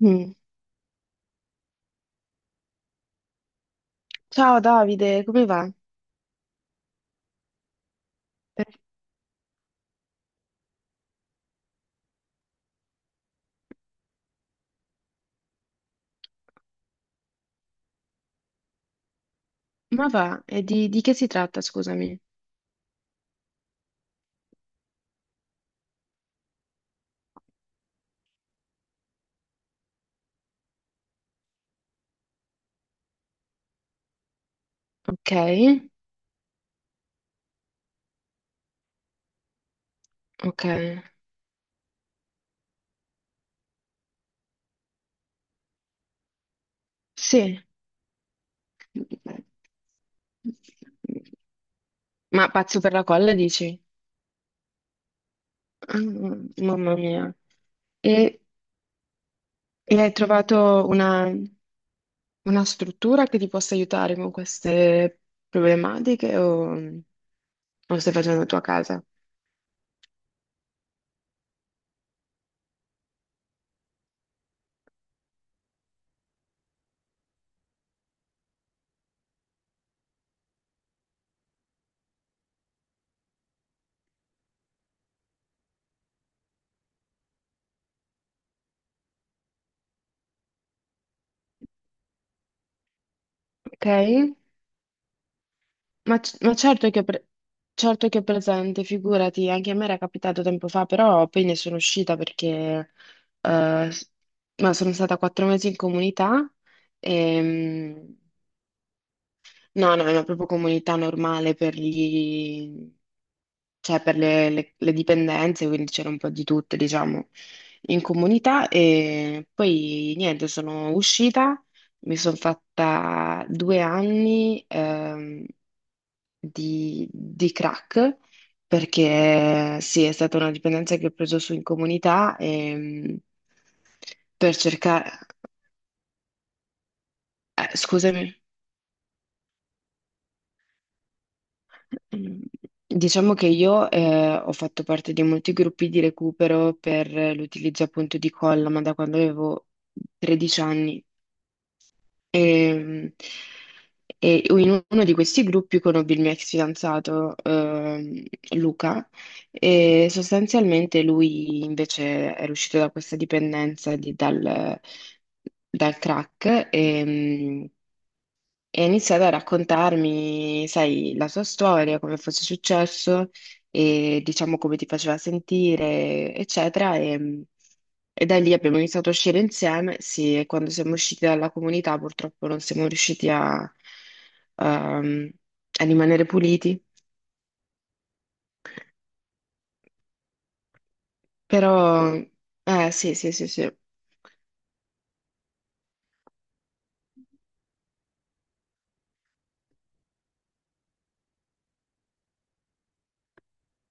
Mm. Ciao Davide, come va? Ma va, e di che si tratta, scusami? Ok, ok. Sì, ma pazzo per la colla, dici? Mm, mamma mia. E, e hai trovato una struttura che ti possa aiutare con queste problematiche o stai facendo la tua casa? Ok? Ma, certo che è presente, figurati, anche a me era capitato tempo fa, però poi ne sono uscita perché eh, s- ma sono stata quattro mesi in comunità. E mm, no, no, è una proprio comunità normale per gli, cioè per le, le dipendenze, quindi c'era un po' di tutte, diciamo, in comunità. E poi niente, sono uscita, mi sono fatta due anni di crack, perché sì, è stata una dipendenza che ho preso su in comunità e, per cercare... scusami. Mm, diciamo che io ho fatto parte di molti gruppi di recupero per l'utilizzo appunto di colla, ma da quando avevo 13 anni. E, e in uno di questi gruppi conobbi il mio ex fidanzato, Luca, e sostanzialmente lui invece era uscito da questa dipendenza dal crack. E ha iniziato a raccontarmi, sai, la sua storia, come fosse successo e diciamo come ti faceva sentire, eccetera. E da lì abbiamo iniziato a uscire insieme. Sì, e quando siamo usciti dalla comunità, purtroppo non siamo riusciti ehm, a rimanere puliti. Però, sì, sì, sì, sì,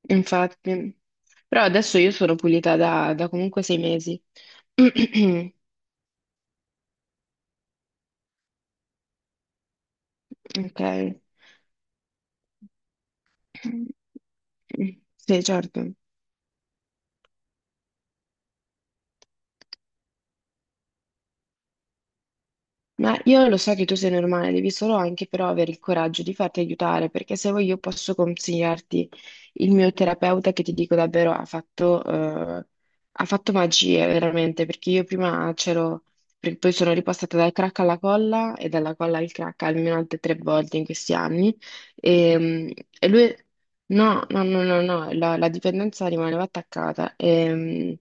infatti. Però adesso io sono pulita da comunque sei mesi. Ok. Sì, certo. Ma io lo so che tu sei normale, devi solo anche però avere il coraggio di farti aiutare, perché se vuoi io posso consigliarti il mio terapeuta che ti dico davvero ha fatto magie veramente, perché io prima c'ero, perché poi sono ripostata dal crack alla colla e dalla colla al crack almeno altre tre volte in questi anni e, mm, e lui, no, no, no, no, no, la dipendenza rimaneva attaccata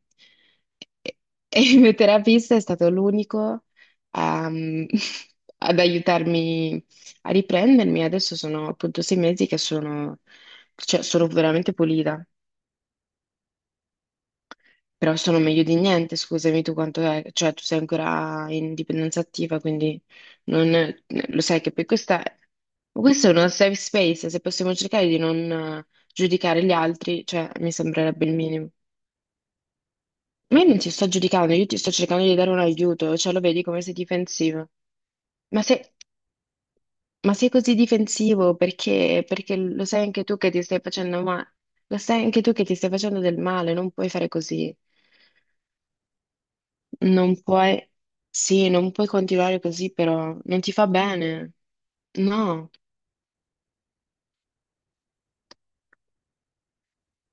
e e il mio terapista è stato l'unico a- ad aiutarmi a riprendermi. Adesso sono appunto sei mesi che sono, cioè, sono veramente pulita, però sono meglio di niente. Scusami, tu quanto è, cioè tu sei ancora in dipendenza attiva, quindi non, lo sai che poi questo è uno safe space, se possiamo cercare di non giudicare gli altri, cioè mi sembrerebbe il minimo. Ma io non ti sto giudicando, io ti sto cercando di dare un aiuto, cioè lo vedi come sei difensivo. Ma se Ma sei così difensivo perché lo sai anche tu che ti stai facendo male, lo sai anche tu che ti stai facendo del male, non puoi fare così, non puoi, sì, non puoi continuare così, però non ti fa bene, no,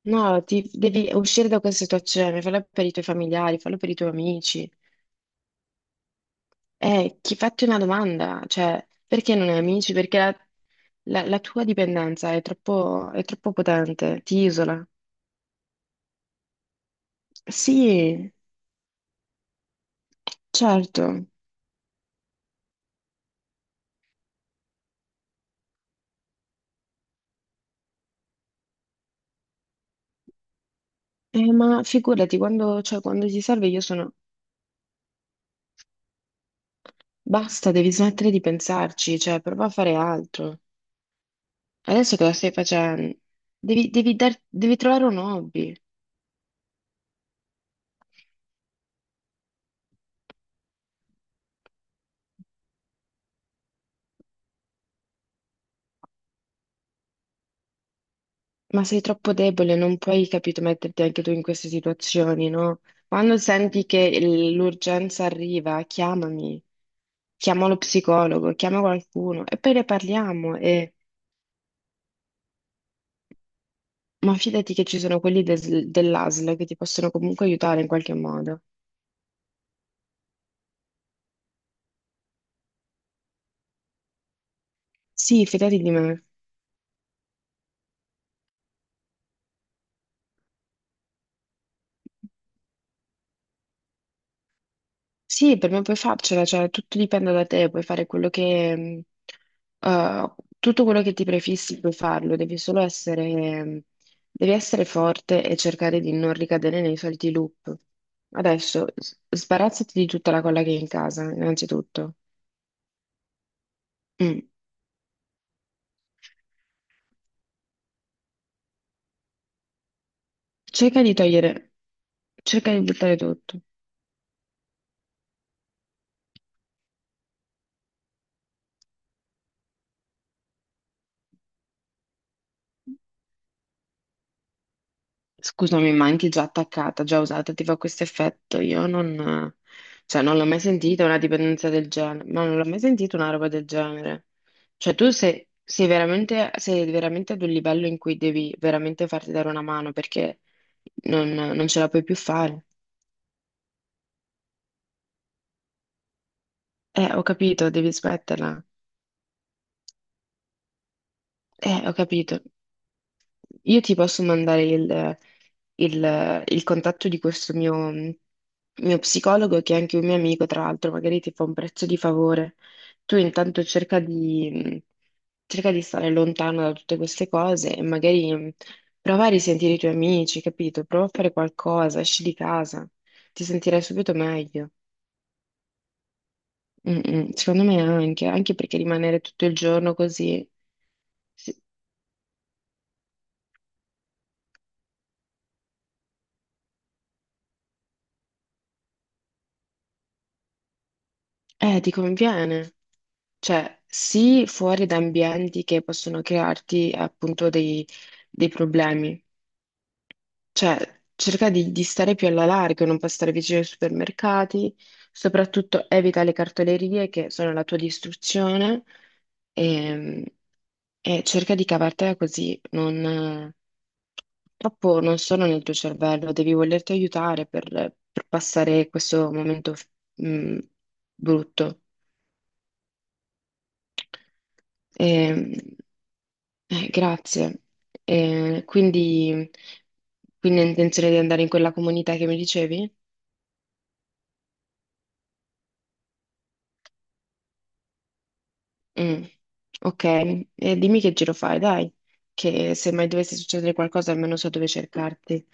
no, devi uscire da questa situazione, fallo per i tuoi familiari, fallo per i tuoi amici. Chi fatti una domanda, cioè, perché non hai amici? Perché la tua dipendenza è troppo potente, ti isola. Sì, certo. Ma figurati, quando, cioè, quando ti serve io sono... Basta, devi smettere di pensarci, cioè, prova a fare altro. Adesso cosa stai facendo? Devi trovare un hobby, ma sei troppo debole, non puoi, capito, metterti anche tu in queste situazioni, no? Quando senti che l'urgenza arriva, chiamami, chiama lo psicologo, chiama qualcuno e poi ne parliamo. E... Ma fidati che ci sono quelli dell'ASL che ti possono comunque aiutare in qualche modo. Sì, fidati di me. Sì, per me puoi farcela, cioè tutto dipende da te, puoi fare mh, eh, tutto quello che ti prefissi puoi farlo, devi essere forte e cercare di non ricadere nei soliti loop. Adesso sbarazzati di tutta la colla che hai in casa, innanzitutto. Mm. Cerca di togliere, cerca di buttare tutto. Scusami, ma anche già attaccata, già usata, ti fa questo effetto? Io non, cioè, non l'ho mai sentita una dipendenza del genere, ma non l'ho mai sentita una roba del genere. Cioè, tu sei veramente ad un livello in cui devi veramente farti dare una mano perché non, non ce la puoi più fare. Ho capito, devi smetterla. Ho capito. Io ti posso mandare il contatto di questo mio psicologo, che è anche un mio amico, tra l'altro, magari ti fa un prezzo di favore. Tu intanto cerca di stare lontano da tutte queste cose e magari prova a risentire i tuoi amici, capito? Prova a fare qualcosa, esci di casa, ti sentirai subito meglio. Mm, mm, secondo me anche, anche perché rimanere tutto il giorno così, sì, ti conviene. Cioè, sì, fuori da ambienti che possono crearti appunto dei problemi. Cioè, cerca di stare più alla larga, non passare vicino ai supermercati, soprattutto evita le cartolerie che sono la tua distruzione e, e cerca di cavartela così. Non, purtroppo non sono nel tuo cervello, devi volerti aiutare per passare questo momento, mh, brutto. Ehm, Grazie. Eh, quindi, quindi, hai intenzione di andare in quella comunità che mi dicevi? Mm, ok. Dimmi che giro fai, dai, che se mai dovesse succedere qualcosa almeno so dove cercarti.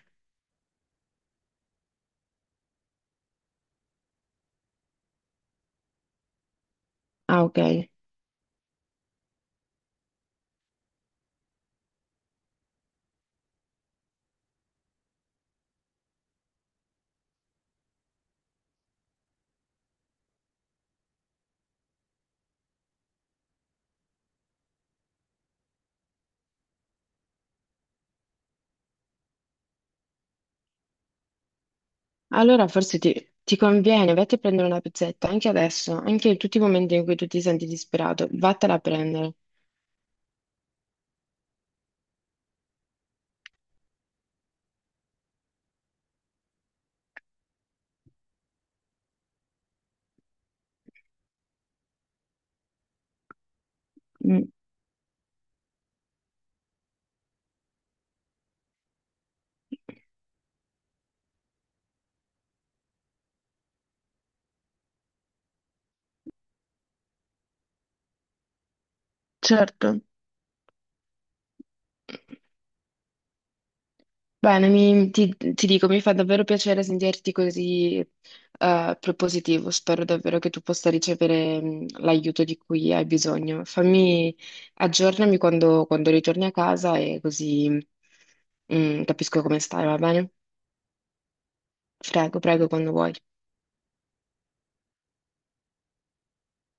Ah, ok. Allora forse ti conviene, vatti a prendere una pizzetta, anche adesso, anche in tutti i momenti in cui tu ti senti disperato, vattela a prendere. Mm, certo. Bene, ti dico, mi fa davvero piacere sentirti così propositivo. Spero davvero che tu possa ricevere l'aiuto di cui hai bisogno. Aggiornami quando ritorni a casa e così capisco come stai, va bene? Prego, prego, quando vuoi.